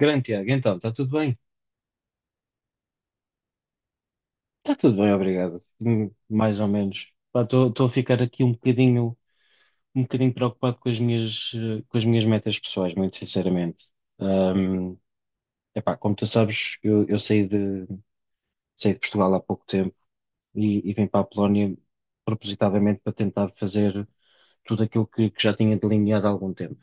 Grande Tiago, então, está tudo bem? Está tudo bem, obrigado. Mais ou menos. Estou a ficar aqui um bocadinho preocupado com as minhas metas pessoais, muito sinceramente. Hum, Epá, como tu sabes, eu saí de Portugal há pouco tempo e vim para a Polónia propositadamente para tentar fazer tudo aquilo que já tinha delineado há algum tempo.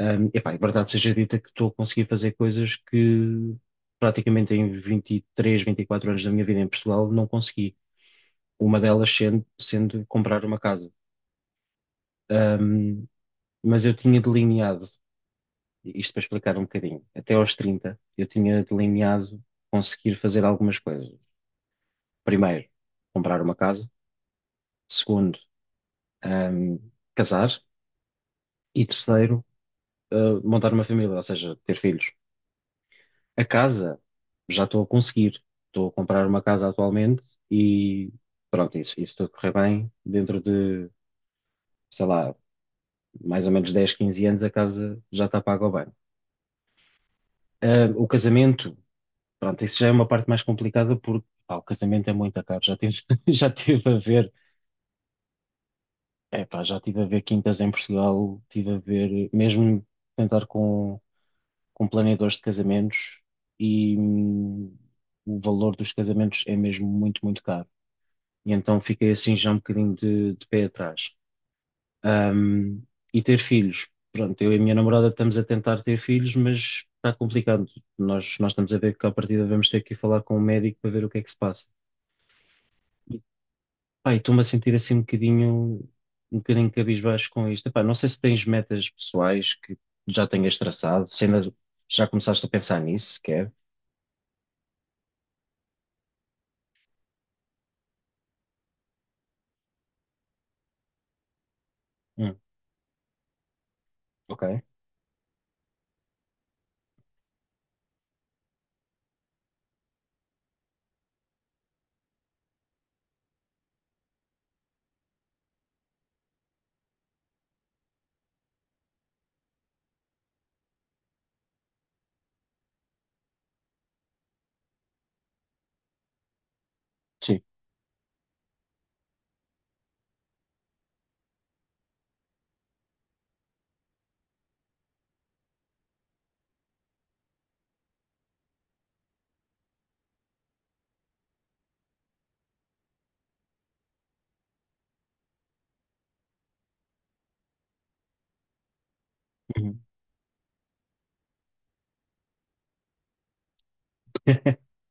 Epá, e verdade seja dita que estou a conseguir fazer coisas que praticamente em 23, 24 anos da minha vida em Portugal não consegui. Uma delas sendo comprar uma casa. Ahm, mas eu tinha delineado, isto para explicar um bocadinho, até aos 30 eu tinha delineado conseguir fazer algumas coisas. Primeiro, comprar uma casa. Segundo, ahm, casar. E terceiro, montar uma família, ou seja, ter filhos. A casa, já estou a conseguir. Estou a comprar uma casa atualmente e pronto, isso tudo correr bem. Dentro de, sei lá, mais ou menos 10 15 anos, a casa já está paga ao bem. Ah, o casamento, pronto, isso já é uma parte mais complicada porque pá, o casamento é muito caro. Já tive, já tive a ver, é, pá, já tive a ver quintas em Portugal, tive a ver, mesmo tentar com planeadores de casamentos e o valor dos casamentos é mesmo muito, muito caro. E então fiquei assim já um bocadinho de pé atrás. Um, e ter filhos. Pronto, eu e a minha namorada estamos a tentar ter filhos, mas está complicado. Nós estamos a ver que à partida vamos ter que ir falar com o médico para ver o que é que se passa. E, pá, e estou-me a sentir assim um bocadinho cabisbaixo com isto. Epá, não sei se tens metas pessoais que já tenhas traçado, se ainda já começaste a pensar nisso sequer. Hum, ok, sim. Uhum.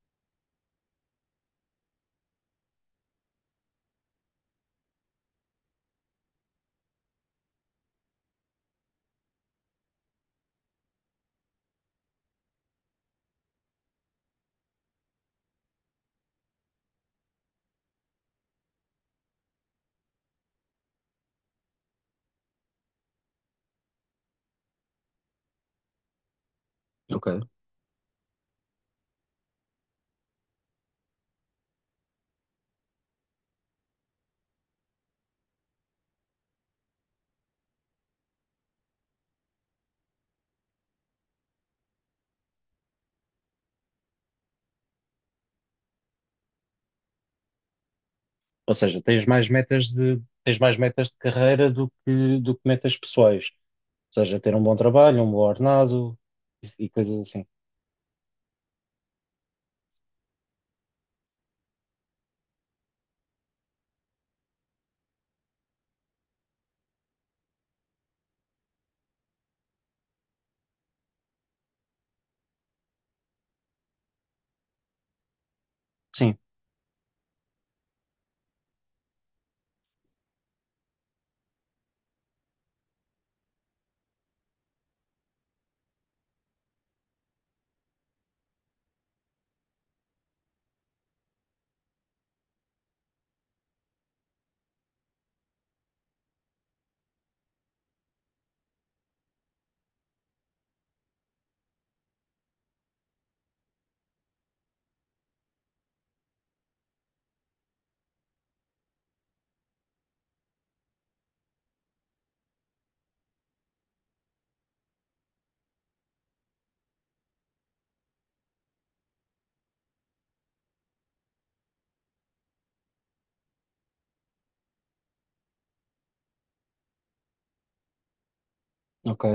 Ok. Ou seja, tens mais metas de carreira do que metas pessoais. Seja, ter um bom trabalho, um bom ordenado e coisas assim. Sim, ok.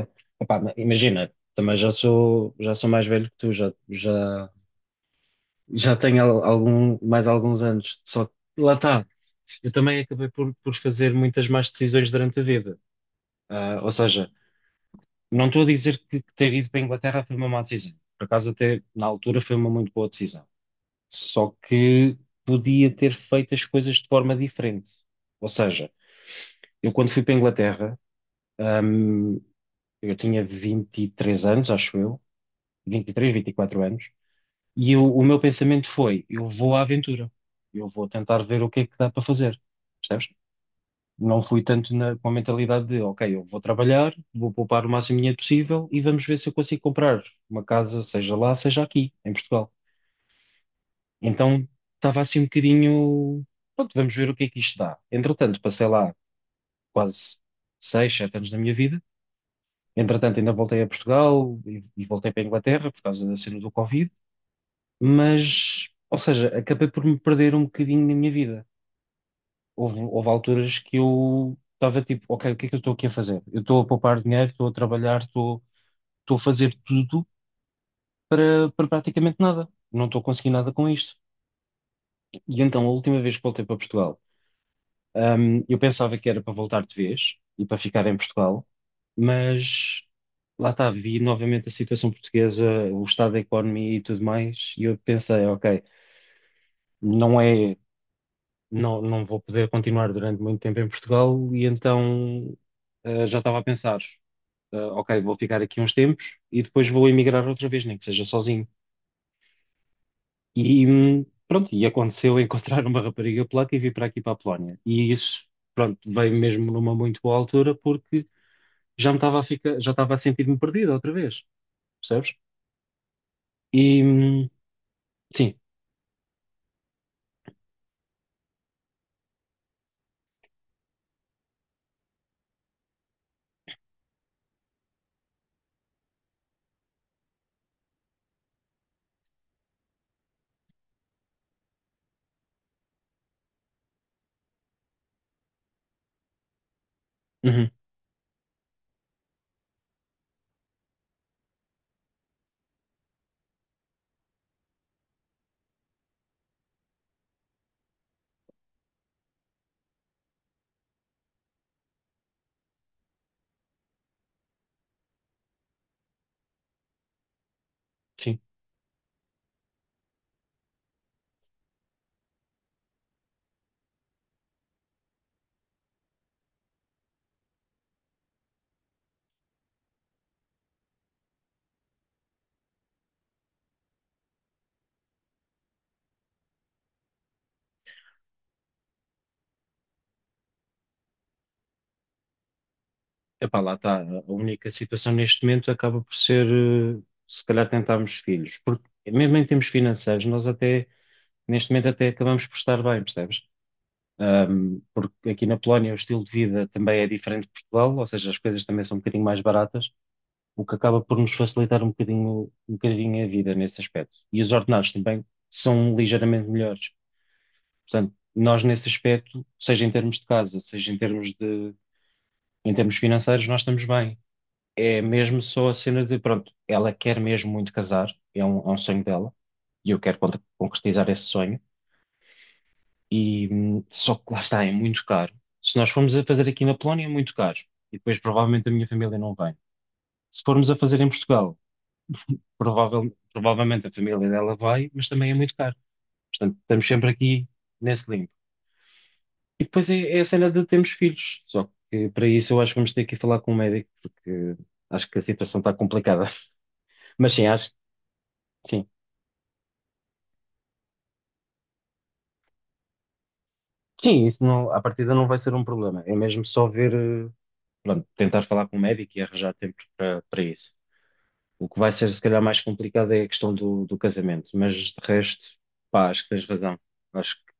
Epá, imagina, também já sou mais velho que tu, já tenho mais alguns anos. Só que lá está. Eu também acabei por fazer muitas más decisões durante a vida. Ah, ou seja, não estou a dizer que ter ido para a Inglaterra foi uma má decisão. Por acaso, até na altura, foi uma muito boa decisão. Só que podia ter feito as coisas de forma diferente. Ou seja, eu quando fui para a Inglaterra. Ahm, eu tinha 23 anos, acho eu, 23, vinte e quatro anos, o meu pensamento foi: eu vou à aventura, eu vou tentar ver o que é que dá para fazer, percebes? Não fui tanto com a mentalidade de, ok, eu vou trabalhar, vou poupar o máximo de dinheiro possível e vamos ver se eu consigo comprar uma casa, seja lá, seja aqui, em Portugal. Então estava assim um bocadinho, pronto, vamos ver o que é que isto dá. Entretanto, passei lá quase 6, 7 anos da minha vida. Entretanto, ainda voltei a Portugal e voltei para a Inglaterra por causa da cena do Covid, mas, ou seja, acabei por me perder um bocadinho na minha vida. Houve, houve alturas que eu estava tipo, ok, o que é que eu estou aqui a fazer? Eu estou a poupar dinheiro, estou a trabalhar, estou a fazer tudo para praticamente nada. Não estou a conseguir nada com isto. E então, a última vez que voltei para Portugal, eu pensava que era para voltar de vez e para ficar em Portugal. Mas lá está, vi novamente a situação portuguesa, o estado da economia e tudo mais, e eu pensei, ok, não é, não vou poder continuar durante muito tempo em Portugal, e então já estava a pensar, ok, vou ficar aqui uns tempos e depois vou emigrar outra vez, nem que seja sozinho. E pronto, e aconteceu encontrar uma rapariga polaca e vir para aqui para a Polónia. E isso, pronto, veio mesmo numa muito boa altura porque já estava a sentir-me perdido outra vez, percebes? E sim, uhum, sim. Epá, lá está. A única situação neste momento acaba por ser, eh, se calhar, tentarmos filhos. Porque mesmo em termos financeiros, nós até, neste momento, até acabamos por estar bem, percebes? Porque aqui na Polónia o estilo de vida também é diferente de Portugal, ou seja, as coisas também são um bocadinho mais baratas, o que acaba por nos facilitar um bocadinho a vida nesse aspecto. E os ordenados também são ligeiramente melhores. Portanto, nós nesse aspecto, seja em termos de casa, seja em termos de em termos financeiros, nós estamos bem. É mesmo só a cena de, pronto, ela quer mesmo muito casar, é um sonho dela, e eu quero concretizar esse sonho, e só que lá está, é muito caro. Se nós formos a fazer aqui na Polónia, é muito caro, e depois provavelmente a minha família não vem. Se formos a fazer em Portugal, provavelmente a família dela vai, mas também é muito caro. Portanto, estamos sempre aqui nesse limbo. E depois é a cena de termos filhos, só que para isso eu acho que vamos ter que ir falar com um médico, porque acho que a situação está complicada. Mas sim, acho que sim. Sim, isso não, à partida não vai ser um problema. É mesmo só ver, pronto, tentar falar com o médico e arranjar tempo para para isso. O que vai ser se calhar mais complicado é a questão do, do casamento, mas de resto, pá, acho que tens razão. Acho,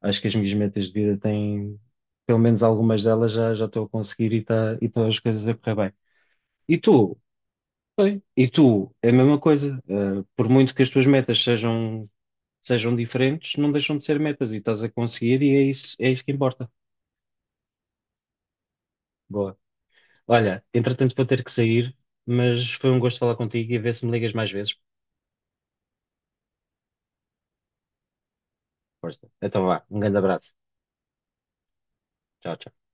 acho que as minhas metas de vida têm, pelo menos algumas delas já, já estou a conseguir e está e estão as coisas a correr bem. E tu? E tu? É a mesma coisa. Por muito que as tuas metas sejam, diferentes, não deixam de ser metas e estás a conseguir e é isso que importa. Boa. Olha, entretanto vou ter que sair, mas foi um gosto falar contigo e a ver se me ligas mais vezes. Força. Então vá, um grande abraço. Tchau, tchau.